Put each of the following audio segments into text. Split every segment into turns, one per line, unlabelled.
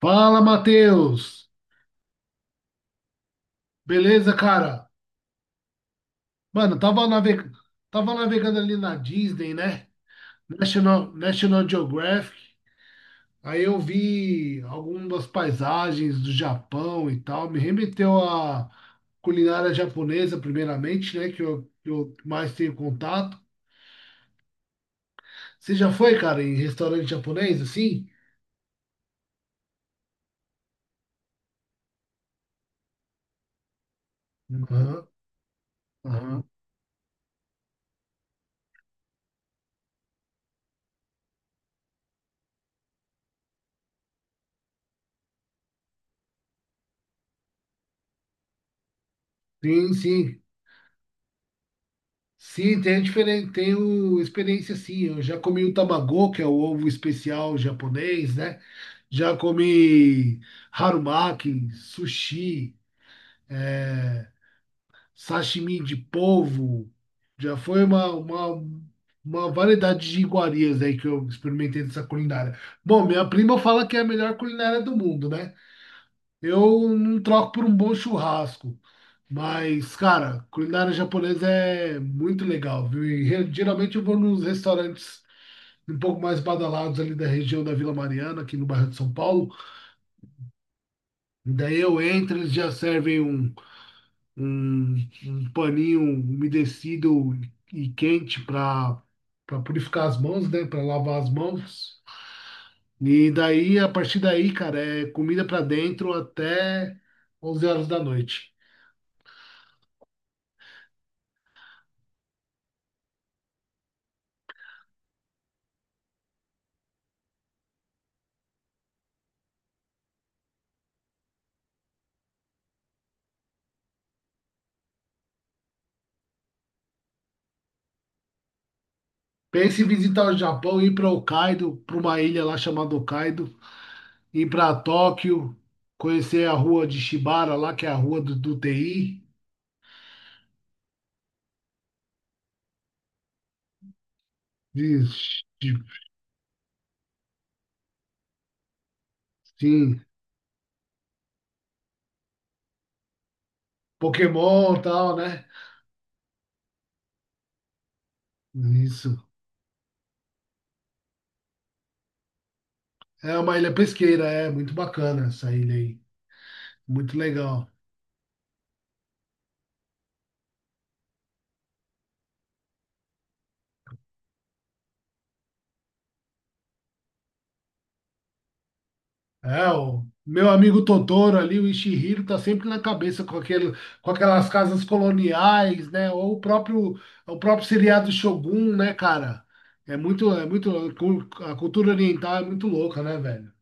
Fala, Matheus! Beleza, cara? Mano, tava navegando ali na Disney, né? National Geographic. Aí eu vi algumas paisagens do Japão e tal. Me remeteu à culinária japonesa, primeiramente, né? Que eu mais tenho contato. Você já foi, cara, em restaurante japonês, assim? Aham, aham. Sim, sim. Sim, tem diferente, tem o experiência sim. Eu já comi o tamago, que é o ovo especial japonês, né? Já comi harumaki, sushi, é, sashimi de polvo. Já foi uma variedade de iguarias aí que eu experimentei dessa culinária. Bom, minha prima fala que é a melhor culinária do mundo, né? Eu não troco por um bom churrasco, mas, cara, culinária japonesa é muito legal, viu? E geralmente eu vou nos restaurantes um pouco mais badalados ali da região da Vila Mariana, aqui no bairro de São Paulo. Daí eu entro, eles já servem um, um paninho umedecido e quente para purificar as mãos, né? Para lavar as mãos. E daí, a partir daí, cara, é comida para dentro até 23:00. Pense em visitar o Japão, ir para Hokkaido, para uma ilha lá chamada Hokkaido, ir para Tóquio, conhecer a rua de Shibara lá, que é a rua do TI, de, de- sim, Pokémon e tal, né? Isso. É uma ilha pesqueira, é muito bacana essa ilha aí, muito legal. É, o meu amigo Totoro ali, o Ishihiro, tá sempre na cabeça com aquele, com aquelas casas coloniais, né? Ou o próprio seriado Shogun, né, cara? É muito, é muito, a cultura oriental é muito louca, né, velho?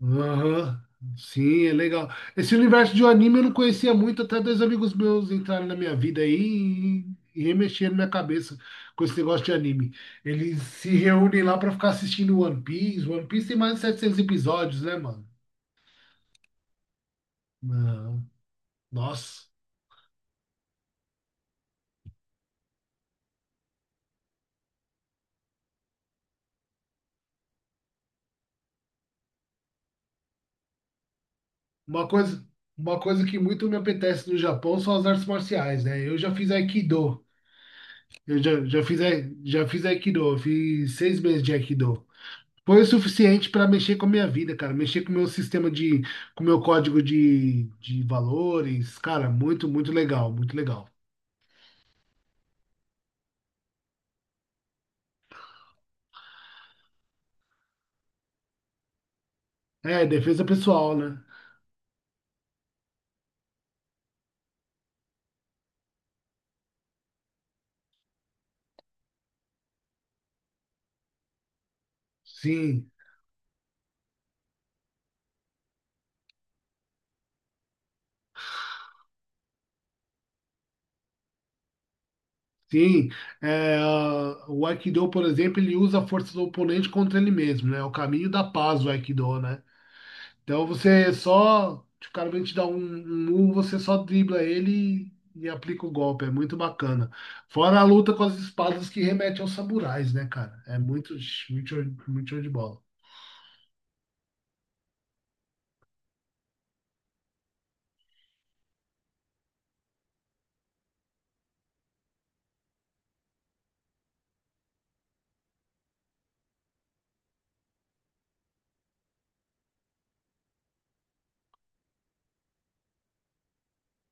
Aham. Sim, é legal. Esse universo de um anime eu não conhecia muito, até dois amigos meus entraram na minha vida aí e remexeram minha cabeça com esse negócio de anime. Eles se reúnem lá pra ficar assistindo One Piece. One Piece tem mais de 700 episódios, né, mano? Não. Nossa. Uma coisa, uma coisa que muito me apetece no Japão são as artes marciais, né? Eu já fiz Aikido. Eu já fiz Aikido. Eu fiz 6 meses de Aikido. Foi o suficiente para mexer com a minha vida, cara. Mexer com o meu sistema de, com o meu código de valores. Cara, muito, muito legal, muito legal. É, defesa pessoal, né? Sim, sim. É, ah, o Aikido, por exemplo, ele usa a força do oponente contra ele mesmo, né? É o caminho da paz, o Aikido, né? Então você só. Tipo, O cara vem te dar um murro, você só dribla ele e aplica o golpe. É muito bacana. Fora a luta com as espadas que remete aos samurais, né, cara? É muito show de bola.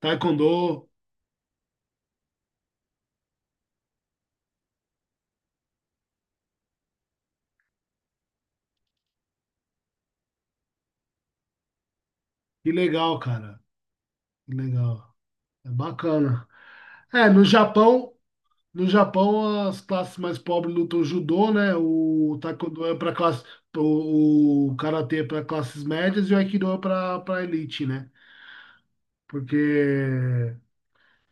Taekwondo, que legal, cara. Que legal. É bacana. É, no Japão as classes mais pobres lutam judô, né? O taekwondo é para classe, o karatê é para classes médias e o aikido é para elite, né? Porque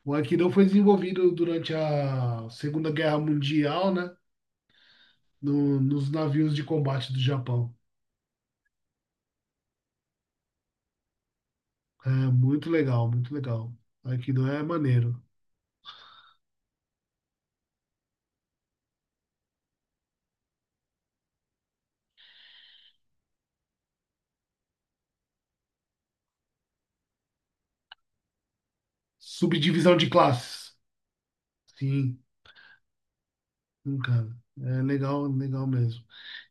o Aikido foi desenvolvido durante a Segunda Guerra Mundial, né? Nos navios de combate do Japão. É muito legal, muito legal. Aikido é maneiro. Subdivisão de classes. Sim, sim, cara. É legal, legal mesmo.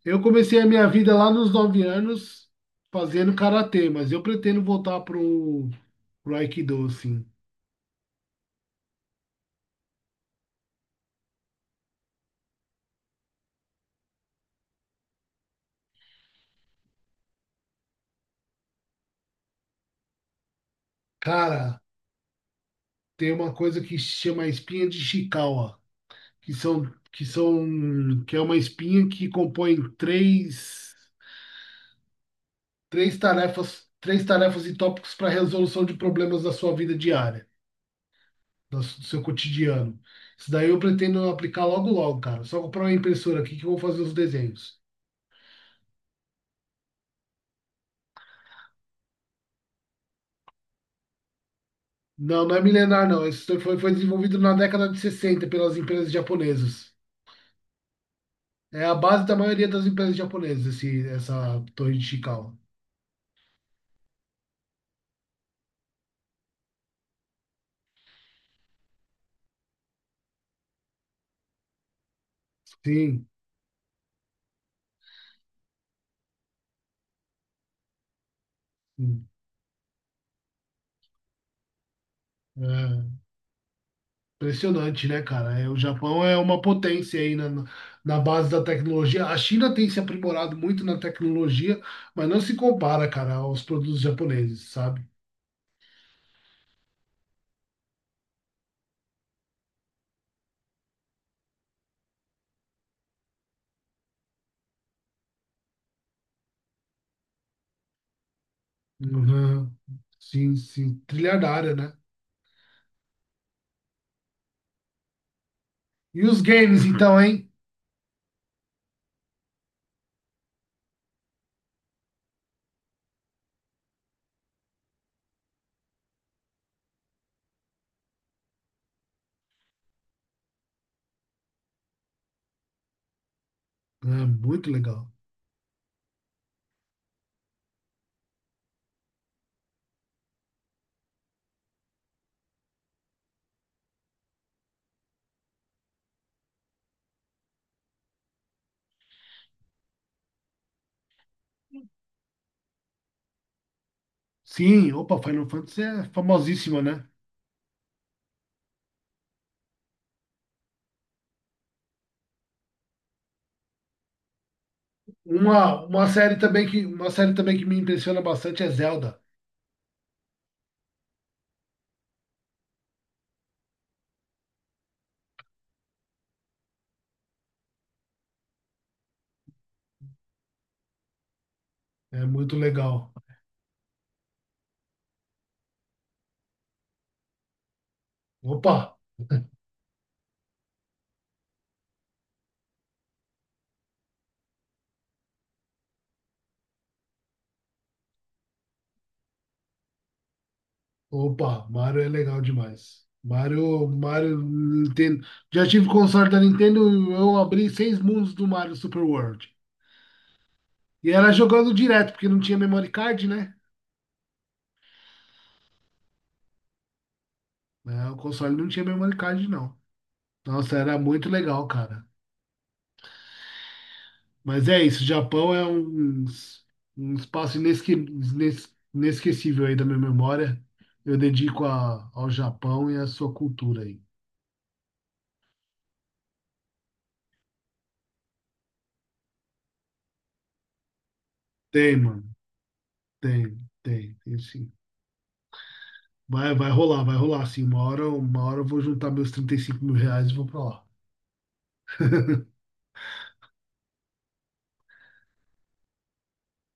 Eu comecei a minha vida lá nos 9 anos fazendo karatê, mas eu pretendo voltar pro Aikido, assim. Cara, tem uma coisa que se chama espinha de Ishikawa, que são que é uma espinha que compõe três tarefas e tópicos para resolução de problemas da sua vida diária, do seu cotidiano. Isso daí eu pretendo aplicar logo logo, cara. Só comprar uma impressora aqui que eu vou fazer os desenhos. Não, não é milenar, não. Isso foi desenvolvido na década de 60 pelas empresas japonesas. É a base da maioria das empresas japonesas, essa torre de Chikawa. Sim, sim. É. Impressionante, né, cara? É, o Japão é uma potência aí na, na base da tecnologia. A China tem se aprimorado muito na tecnologia, mas não se compara, cara, aos produtos japoneses, sabe? Uhum. Sim, sim. Trilhardária, né? E os games, Uhum. Então, hein? É, muito legal. Sim, opa, Final Fantasy é famosíssima, né? Uma série também que me impressiona bastante é Zelda. É muito legal. Opa! Opa, Mario é legal demais. Mario, Mario Nintendo. Já tive console da Nintendo, eu abri 6 mundos do Mario Super World. E era jogando direto, porque não tinha memory card, né? É, o console não tinha memory card, não. Nossa, era muito legal, cara. Mas é isso, Japão é um, um espaço inesquecível aí da minha memória. Eu dedico ao Japão e à sua cultura aí. Tem, mano. Tem, tem, tem sim. Vai, vai rolar, assim. Uma hora eu vou juntar meus R$ 35.000 e vou pra lá.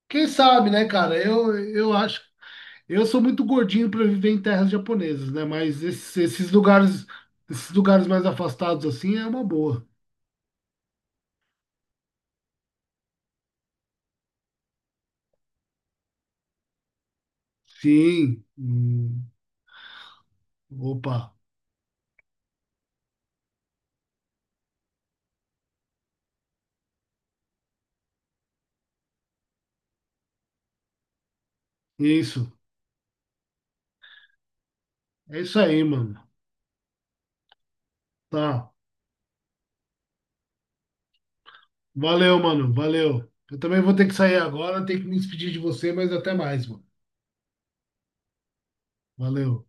Quem sabe, né, cara? Eu acho. Eu sou muito gordinho para viver em terras japonesas, né? Mas esses lugares mais afastados assim é uma boa. Sim. Hum. Opa. Isso. É isso aí, mano. Tá. Valeu, mano. Valeu. Eu também vou ter que sair agora, tenho que me despedir de você, mas até mais, mano. Valeu.